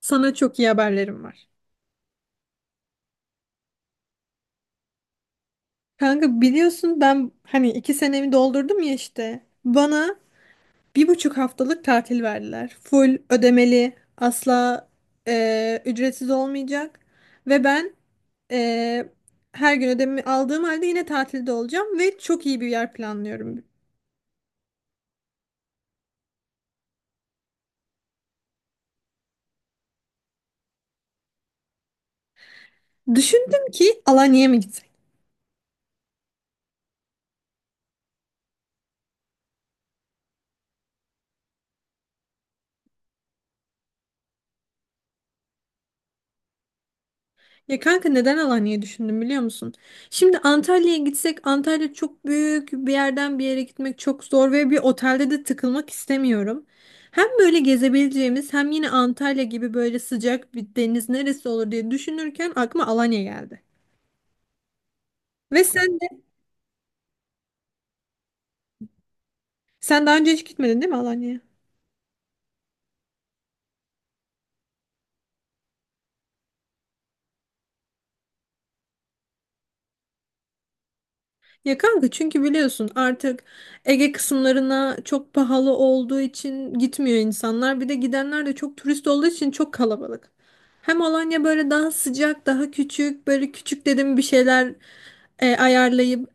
Sana çok iyi haberlerim var. Kanka biliyorsun ben hani iki senemi doldurdum ya işte. Bana bir buçuk haftalık tatil verdiler. Full ödemeli, asla ücretsiz olmayacak. Ve ben e, her gün ödemi aldığım halde yine tatilde olacağım ve çok iyi bir yer planlıyorum. Düşündüm ki Alanya'ya mı gitsek? Ya kanka neden Alanya'yı düşündüm biliyor musun? Şimdi Antalya'ya gitsek Antalya çok büyük, bir yerden bir yere gitmek çok zor ve bir otelde de tıkılmak istemiyorum. Hem böyle gezebileceğimiz hem yine Antalya gibi böyle sıcak bir deniz neresi olur diye düşünürken aklıma Alanya geldi. Ve sen daha önce hiç gitmedin değil mi Alanya'ya? Ya kanka çünkü biliyorsun artık Ege kısımlarına çok pahalı olduğu için gitmiyor insanlar. Bir de gidenler de çok turist olduğu için çok kalabalık. Hem Alanya böyle daha sıcak, daha küçük, böyle küçük dedim, bir şeyler ayarlayıp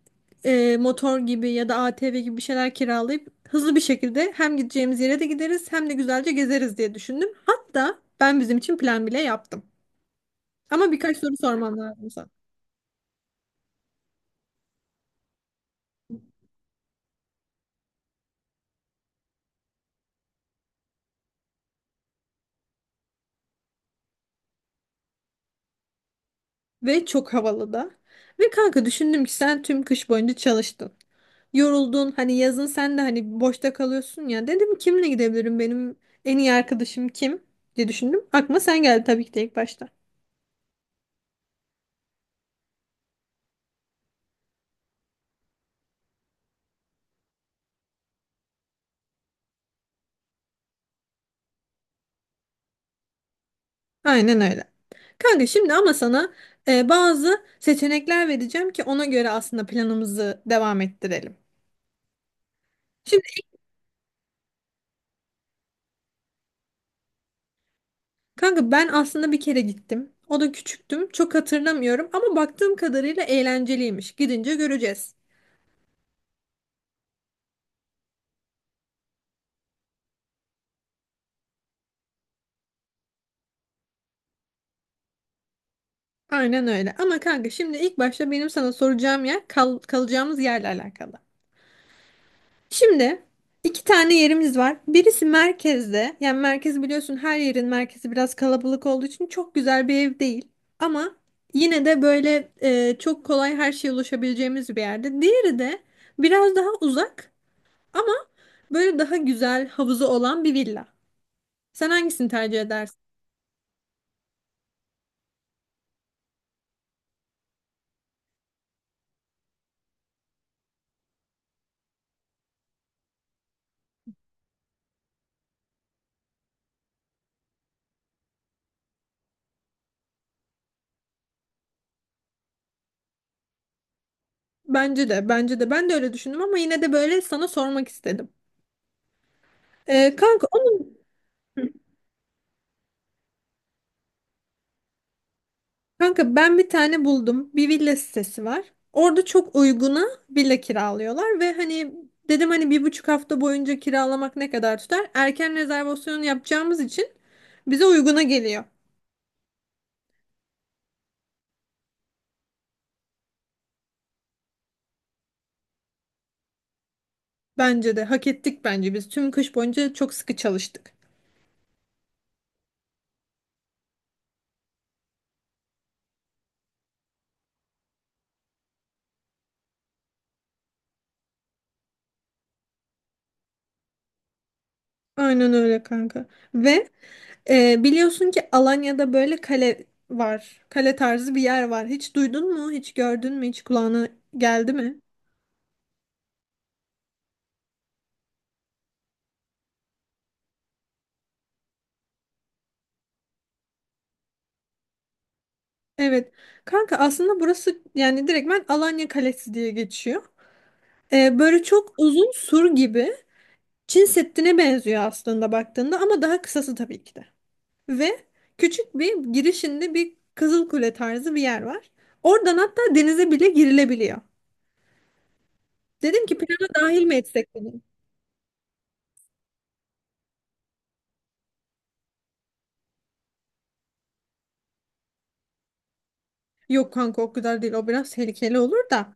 motor gibi ya da ATV gibi bir şeyler kiralayıp hızlı bir şekilde hem gideceğimiz yere de gideriz hem de güzelce gezeriz diye düşündüm. Hatta ben bizim için plan bile yaptım. Ama birkaç soru sormam lazım sana. Ve çok havalı da. Ve kanka düşündüm ki sen tüm kış boyunca çalıştın. Yoruldun, hani yazın sen de hani boşta kalıyorsun ya. Dedim kimle gidebilirim, benim en iyi arkadaşım kim diye düşündüm. Aklıma sen geldi tabii ki de ilk başta. Aynen öyle. Kanka şimdi ama sana bazı seçenekler vereceğim ki ona göre aslında planımızı devam ettirelim. Şimdi kanka ben aslında bir kere gittim. O da küçüktüm. Çok hatırlamıyorum ama baktığım kadarıyla eğlenceliymiş. Gidince göreceğiz. Aynen öyle. Ama kanka şimdi ilk başta benim sana soracağım yer kalacağımız yerle alakalı. Şimdi iki tane yerimiz var. Birisi merkezde. Yani merkez, biliyorsun her yerin merkezi biraz kalabalık olduğu için çok güzel bir ev değil. Ama yine de böyle çok kolay her şeye ulaşabileceğimiz bir yerde. Diğeri de biraz daha uzak ama böyle daha güzel, havuzu olan bir villa. Sen hangisini tercih edersin? Bence de, bence de. Ben de öyle düşündüm ama yine de böyle sana sormak istedim. E, kanka onun... Kanka ben bir tane buldum. Bir villa sitesi var. Orada çok uyguna villa kiralıyorlar ve hani dedim hani bir buçuk hafta boyunca kiralamak ne kadar tutar? Erken rezervasyonu yapacağımız için bize uyguna geliyor. Bence de hak ettik bence biz. Tüm kış boyunca çok sıkı çalıştık. Aynen öyle kanka. Ve biliyorsun ki Alanya'da böyle kale var. Kale tarzı bir yer var. Hiç duydun mu? Hiç gördün mü? Hiç kulağına geldi mi? Evet. Kanka aslında burası yani direktmen Alanya Kalesi diye geçiyor. Böyle çok uzun sur gibi, Çin Seddi'ne benziyor aslında baktığında ama daha kısası tabii ki de. Ve küçük bir girişinde bir Kızıl Kule tarzı bir yer var. Oradan hatta denize bile girilebiliyor. Dedim ki plana dahil mi etsek dedim. Yok kanka o kadar değil, o biraz tehlikeli olur da.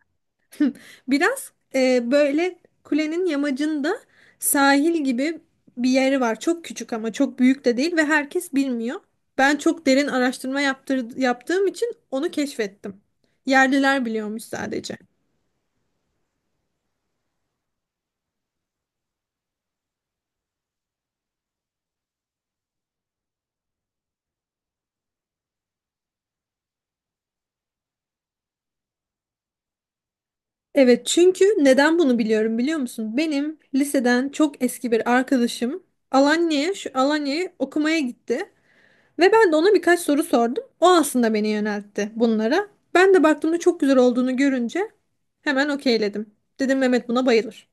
Biraz böyle kulenin yamacında sahil gibi bir yeri var. Çok küçük ama çok büyük de değil ve herkes bilmiyor. Ben çok derin araştırma yaptığım için onu keşfettim. Yerliler biliyormuş sadece. Evet, çünkü neden bunu biliyorum biliyor musun? Benim liseden çok eski bir arkadaşım Alanya'ya, şu Alanya'ya okumaya gitti. Ve ben de ona birkaç soru sordum. O aslında beni yöneltti bunlara. Ben de baktığımda çok güzel olduğunu görünce hemen okeyledim. Dedim Mehmet buna bayılır.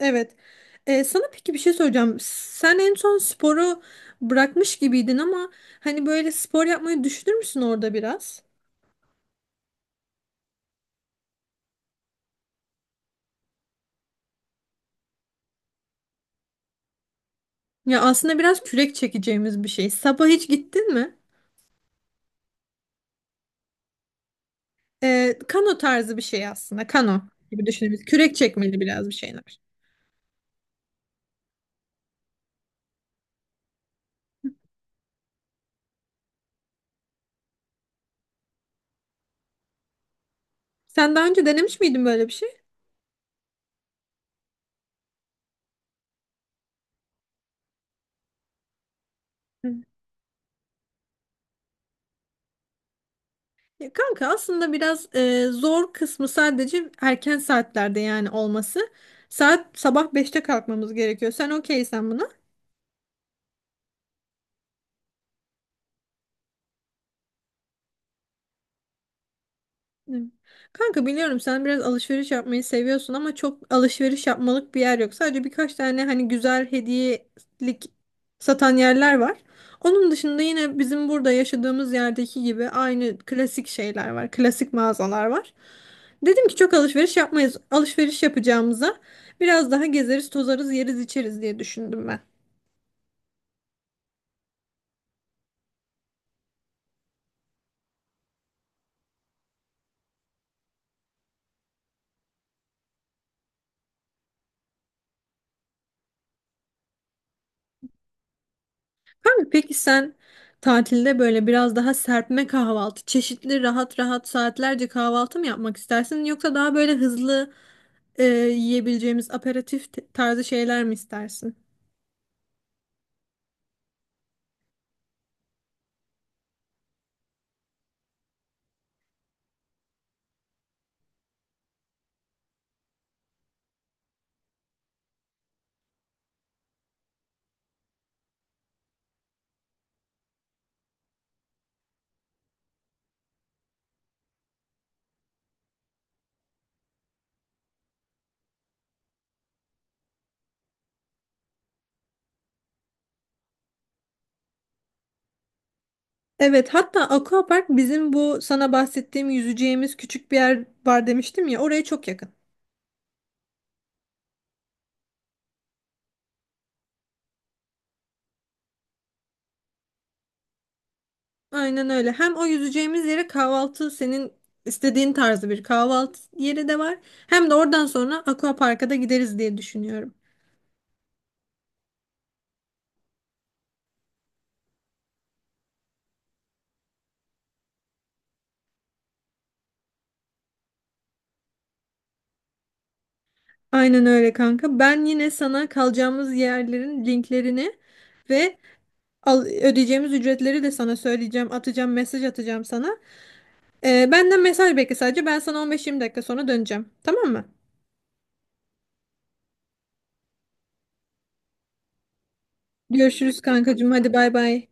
Evet. Sana peki bir şey soracağım. Sen en son sporu bırakmış gibiydin ama hani böyle spor yapmayı düşünür müsün orada biraz? Ya aslında biraz kürek çekeceğimiz bir şey. Sabah hiç gittin mi? Kano tarzı bir şey aslında. Kano gibi düşünebiliriz. Kürek çekmeli biraz bir şeyler. Sen daha önce denemiş miydin böyle bir şey? Hı. Ya kanka aslında biraz zor kısmı sadece erken saatlerde yani olması. Saat sabah beşte kalkmamız gerekiyor. Sen okeysen buna. Evet. Kanka biliyorum sen biraz alışveriş yapmayı seviyorsun ama çok alışveriş yapmalık bir yer yok. Sadece birkaç tane hani güzel hediyelik satan yerler var. Onun dışında yine bizim burada yaşadığımız yerdeki gibi aynı klasik şeyler var. Klasik mağazalar var. Dedim ki çok alışveriş yapmayız. Alışveriş yapacağımıza biraz daha gezeriz, tozarız, yeriz, içeriz diye düşündüm ben. Abi peki sen tatilde böyle biraz daha serpme kahvaltı, çeşitli rahat rahat saatlerce kahvaltı mı yapmak istersin yoksa daha böyle hızlı e, yiyebileceğimiz aperatif tarzı şeyler mi istersin? Evet, hatta Aquapark, bizim bu sana bahsettiğim yüzeceğimiz küçük bir yer var demiştim ya, oraya çok yakın. Aynen öyle. Hem o yüzeceğimiz yere kahvaltı, senin istediğin tarzı bir kahvaltı yeri de var. Hem de oradan sonra Aquapark'a da gideriz diye düşünüyorum. Aynen öyle kanka. Ben yine sana kalacağımız yerlerin linklerini ve ödeyeceğimiz ücretleri de sana söyleyeceğim. Atacağım, mesaj atacağım sana. Benden mesaj bekle sadece. Ben sana 15-20 dakika sonra döneceğim. Tamam mı? Görüşürüz kankacığım. Hadi bay bay.